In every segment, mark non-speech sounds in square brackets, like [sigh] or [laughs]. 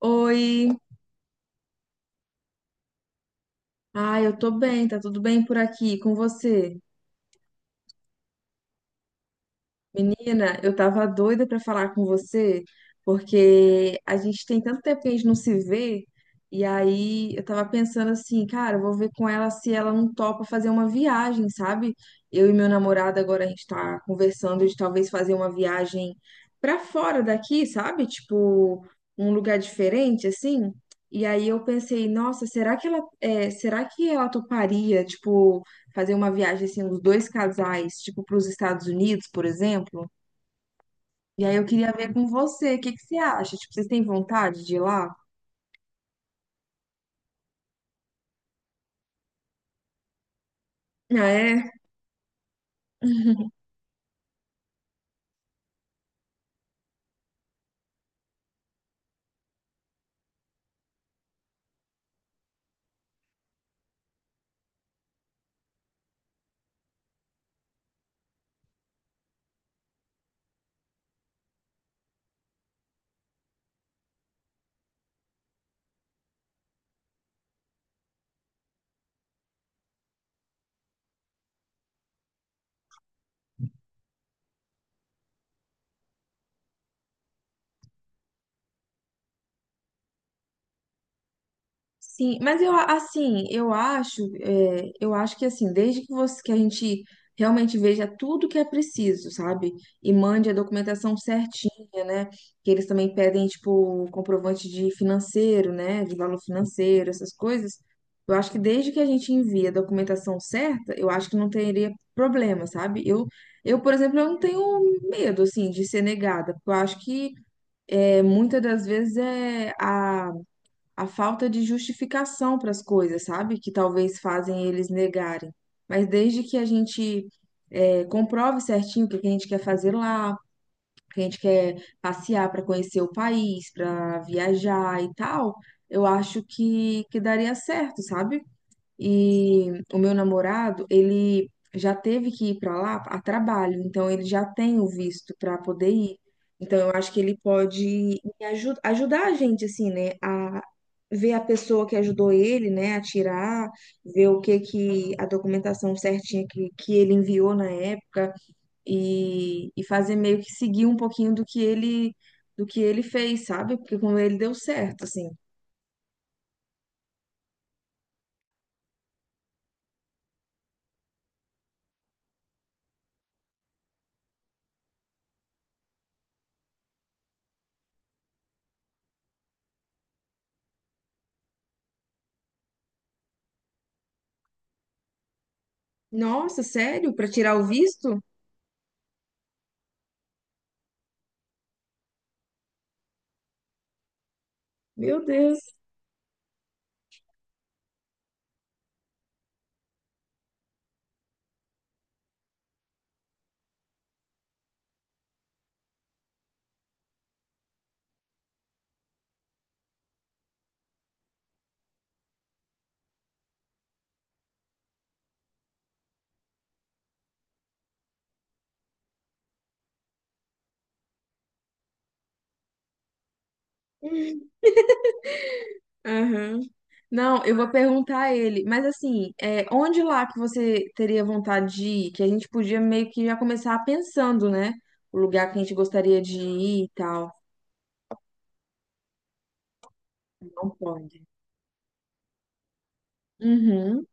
Oi, eu tô bem, tá tudo bem por aqui com você? Menina, eu tava doida pra falar com você, porque a gente tem tanto tempo que a gente não se vê, e aí eu tava pensando assim, cara, eu vou ver com ela se ela não topa fazer uma viagem, sabe? Eu e meu namorado agora a gente tá conversando de talvez fazer uma viagem pra fora daqui, sabe? Tipo, um lugar diferente assim. E aí eu pensei, nossa, será que ela, é, será que ela toparia, tipo, fazer uma viagem assim, os dois casais, tipo para os Estados Unidos, por exemplo. E aí eu queria ver com você, o que que você acha? Tipo, vocês têm vontade de ir lá? Ah, é? Sim, mas assim, eu acho, é, eu acho que assim, desde que você que a gente realmente veja tudo que é preciso, sabe? E mande a documentação certinha, né? Que eles também pedem, tipo, um comprovante de financeiro, né? De valor financeiro, essas coisas. Eu acho que desde que a gente envie a documentação certa, eu acho que não teria problema, sabe? Eu, por exemplo, eu não tenho medo, assim, de ser negada, porque eu acho que é, muitas das vezes é a falta de justificação para as coisas, sabe? Que talvez fazem eles negarem. Mas desde que a gente comprove certinho o que que a gente quer fazer lá, que a gente quer passear para conhecer o país, para viajar e tal, eu acho que daria certo, sabe? E o meu namorado, ele já teve que ir para lá a trabalho, então ele já tem o visto para poder ir. Então eu acho que ele pode ajudar a gente assim, né, a ver a pessoa que ajudou ele, né, a tirar, ver o que que a documentação certinha que ele enviou na época e fazer meio que seguir um pouquinho do que ele fez, sabe? Porque com ele deu certo, assim. Nossa, sério? Para tirar o visto? Meu Deus. Aham. Não, eu vou perguntar a ele. Mas assim, é, onde lá que você teria vontade de ir? Que a gente podia meio que já começar pensando, né? O lugar que a gente gostaria de ir e tal. Não pode. Uhum.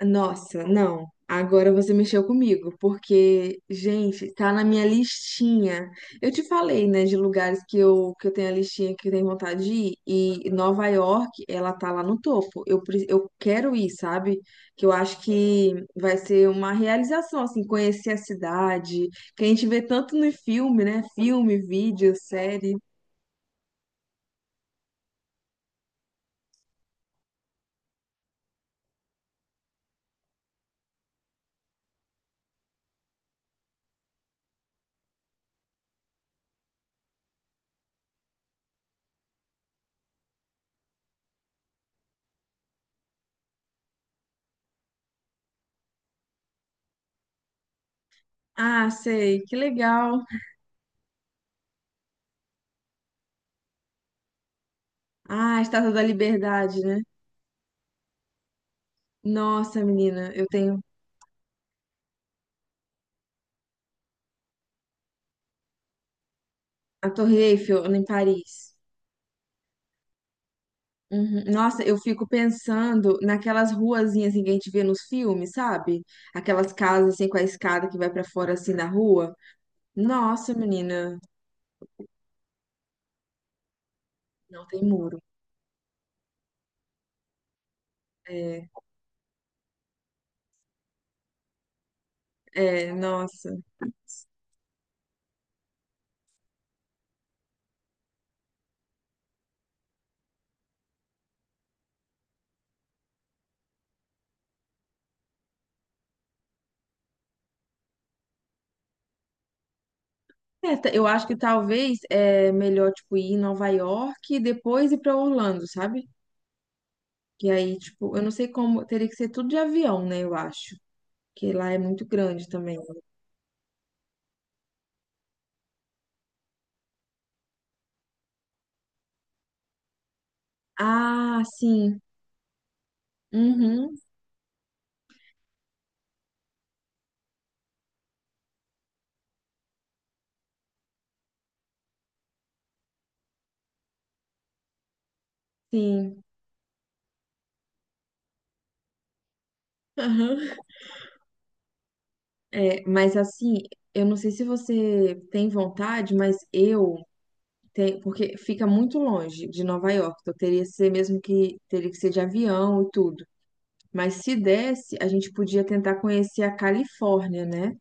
Nossa, não. Agora você mexeu comigo, porque, gente, tá na minha listinha. Eu te falei, né, de lugares que eu tenho a listinha que eu tenho vontade de ir, e Nova York, ela tá lá no topo. Eu quero ir, sabe? Que eu acho que vai ser uma realização, assim, conhecer a cidade, que a gente vê tanto no filme, né? Filme, vídeo, série. Ah, sei, que legal. Ah, Estátua da Liberdade, né? Nossa, menina, eu tenho. A Torre Eiffel em Paris. Uhum. Nossa, eu fico pensando naquelas ruazinhas assim, que a gente vê nos filmes, sabe? Aquelas casas assim com a escada que vai pra fora assim na rua. Nossa, menina, não tem muro. É, é, nossa. É, eu acho que talvez é melhor tipo ir em Nova York e depois ir pra Orlando, sabe? Que aí, tipo, eu não sei como, teria que ser tudo de avião, né, eu acho. Que lá é muito grande também. Ah, sim. Uhum, sim. [laughs] É, mas assim, eu não sei se você tem vontade, mas eu tenho, porque fica muito longe de Nova York, então teria que ser mesmo que teria que ser de avião e tudo. Mas se desse, a gente podia tentar conhecer a Califórnia, né?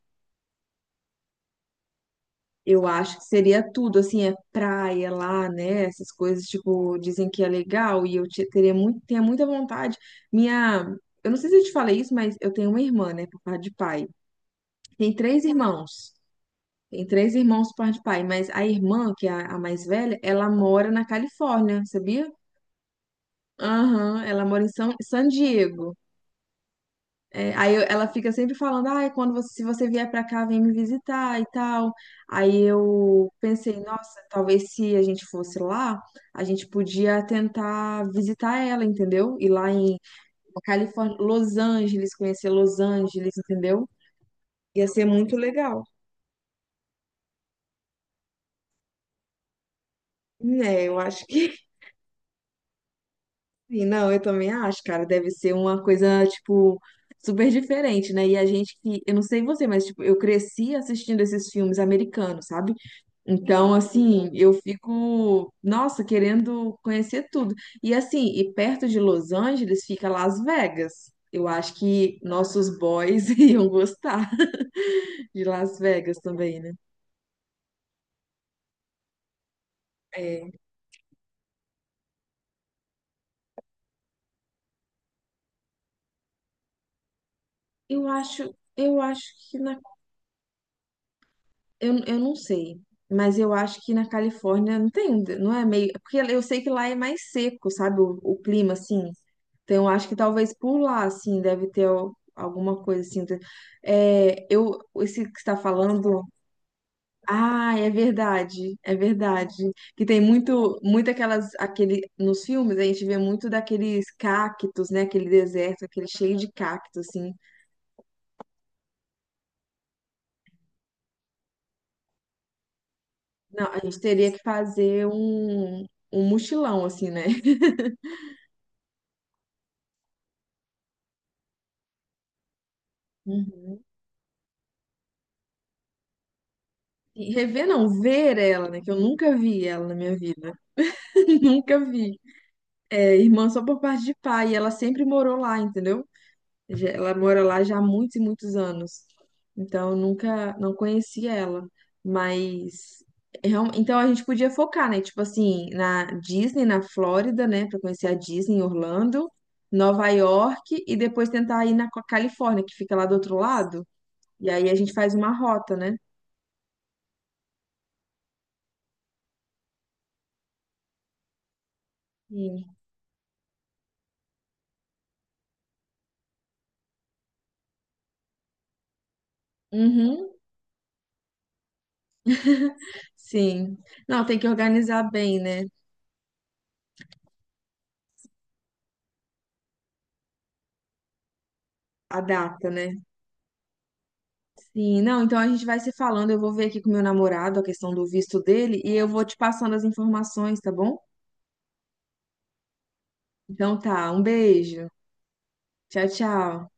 Eu acho que seria tudo, assim, é praia lá, né? Essas coisas, tipo, dizem que é legal e teria muito, tenho muita vontade. Minha, eu não sei se eu te falei isso, mas eu tenho uma irmã, né, por parte de pai. Tem três irmãos. Tem três irmãos por parte de pai, mas a irmã, que é a mais velha, ela mora na Califórnia, sabia? Aham, ela mora em San Diego. Ela fica sempre falando, ai, se você vier pra cá, vem me visitar e tal. Aí eu pensei, nossa, talvez se a gente fosse lá, a gente podia tentar visitar ela, entendeu? Ir lá em Califórnia, Los Angeles, conhecer Los Angeles, entendeu? Ia ser muito legal. É, eu acho que Sim, não, eu também acho, cara, deve ser uma coisa, tipo, super diferente, né? E a gente que, eu não sei você, mas, tipo, eu cresci assistindo esses filmes americanos, sabe? Então, assim, eu fico, nossa, querendo conhecer tudo. E, assim, e perto de Los Angeles fica Las Vegas. Eu acho que nossos boys [laughs] iam gostar de Las Vegas também, né? É, eu acho, eu acho que na eu não sei, Mas eu acho que na Califórnia não tem, não é meio. Porque eu sei que lá é mais seco, sabe? O clima, assim. Então eu acho que talvez por lá, assim, deve ter alguma coisa assim. É, eu, esse que está falando. Ah, é verdade, é verdade. Que tem muito aquelas, aquele, nos filmes a gente vê muito daqueles cactos, né? Aquele deserto, aquele cheio de cactos, assim. Não, a gente teria que fazer um mochilão, assim, né? [laughs] E rever não, ver ela, né? Que eu nunca vi ela na minha vida. [laughs] Nunca vi. É, irmã só por parte de pai. E ela sempre morou lá, entendeu? Ela mora lá já há muitos e muitos anos. Então eu nunca, não conheci ela. Mas. Então a gente podia focar, né? Tipo assim, na Disney, na Flórida, né? Pra conhecer a Disney em Orlando, Nova York e depois tentar ir na Califórnia, que fica lá do outro lado. E aí a gente faz uma rota, né? Sim. Uhum. Sim. Não, tem que organizar bem, né? A data, né? Sim. Não, então a gente vai se falando. Eu vou ver aqui com meu namorado a questão do visto dele e eu vou te passando as informações, tá bom? Então tá. Um beijo. Tchau, tchau.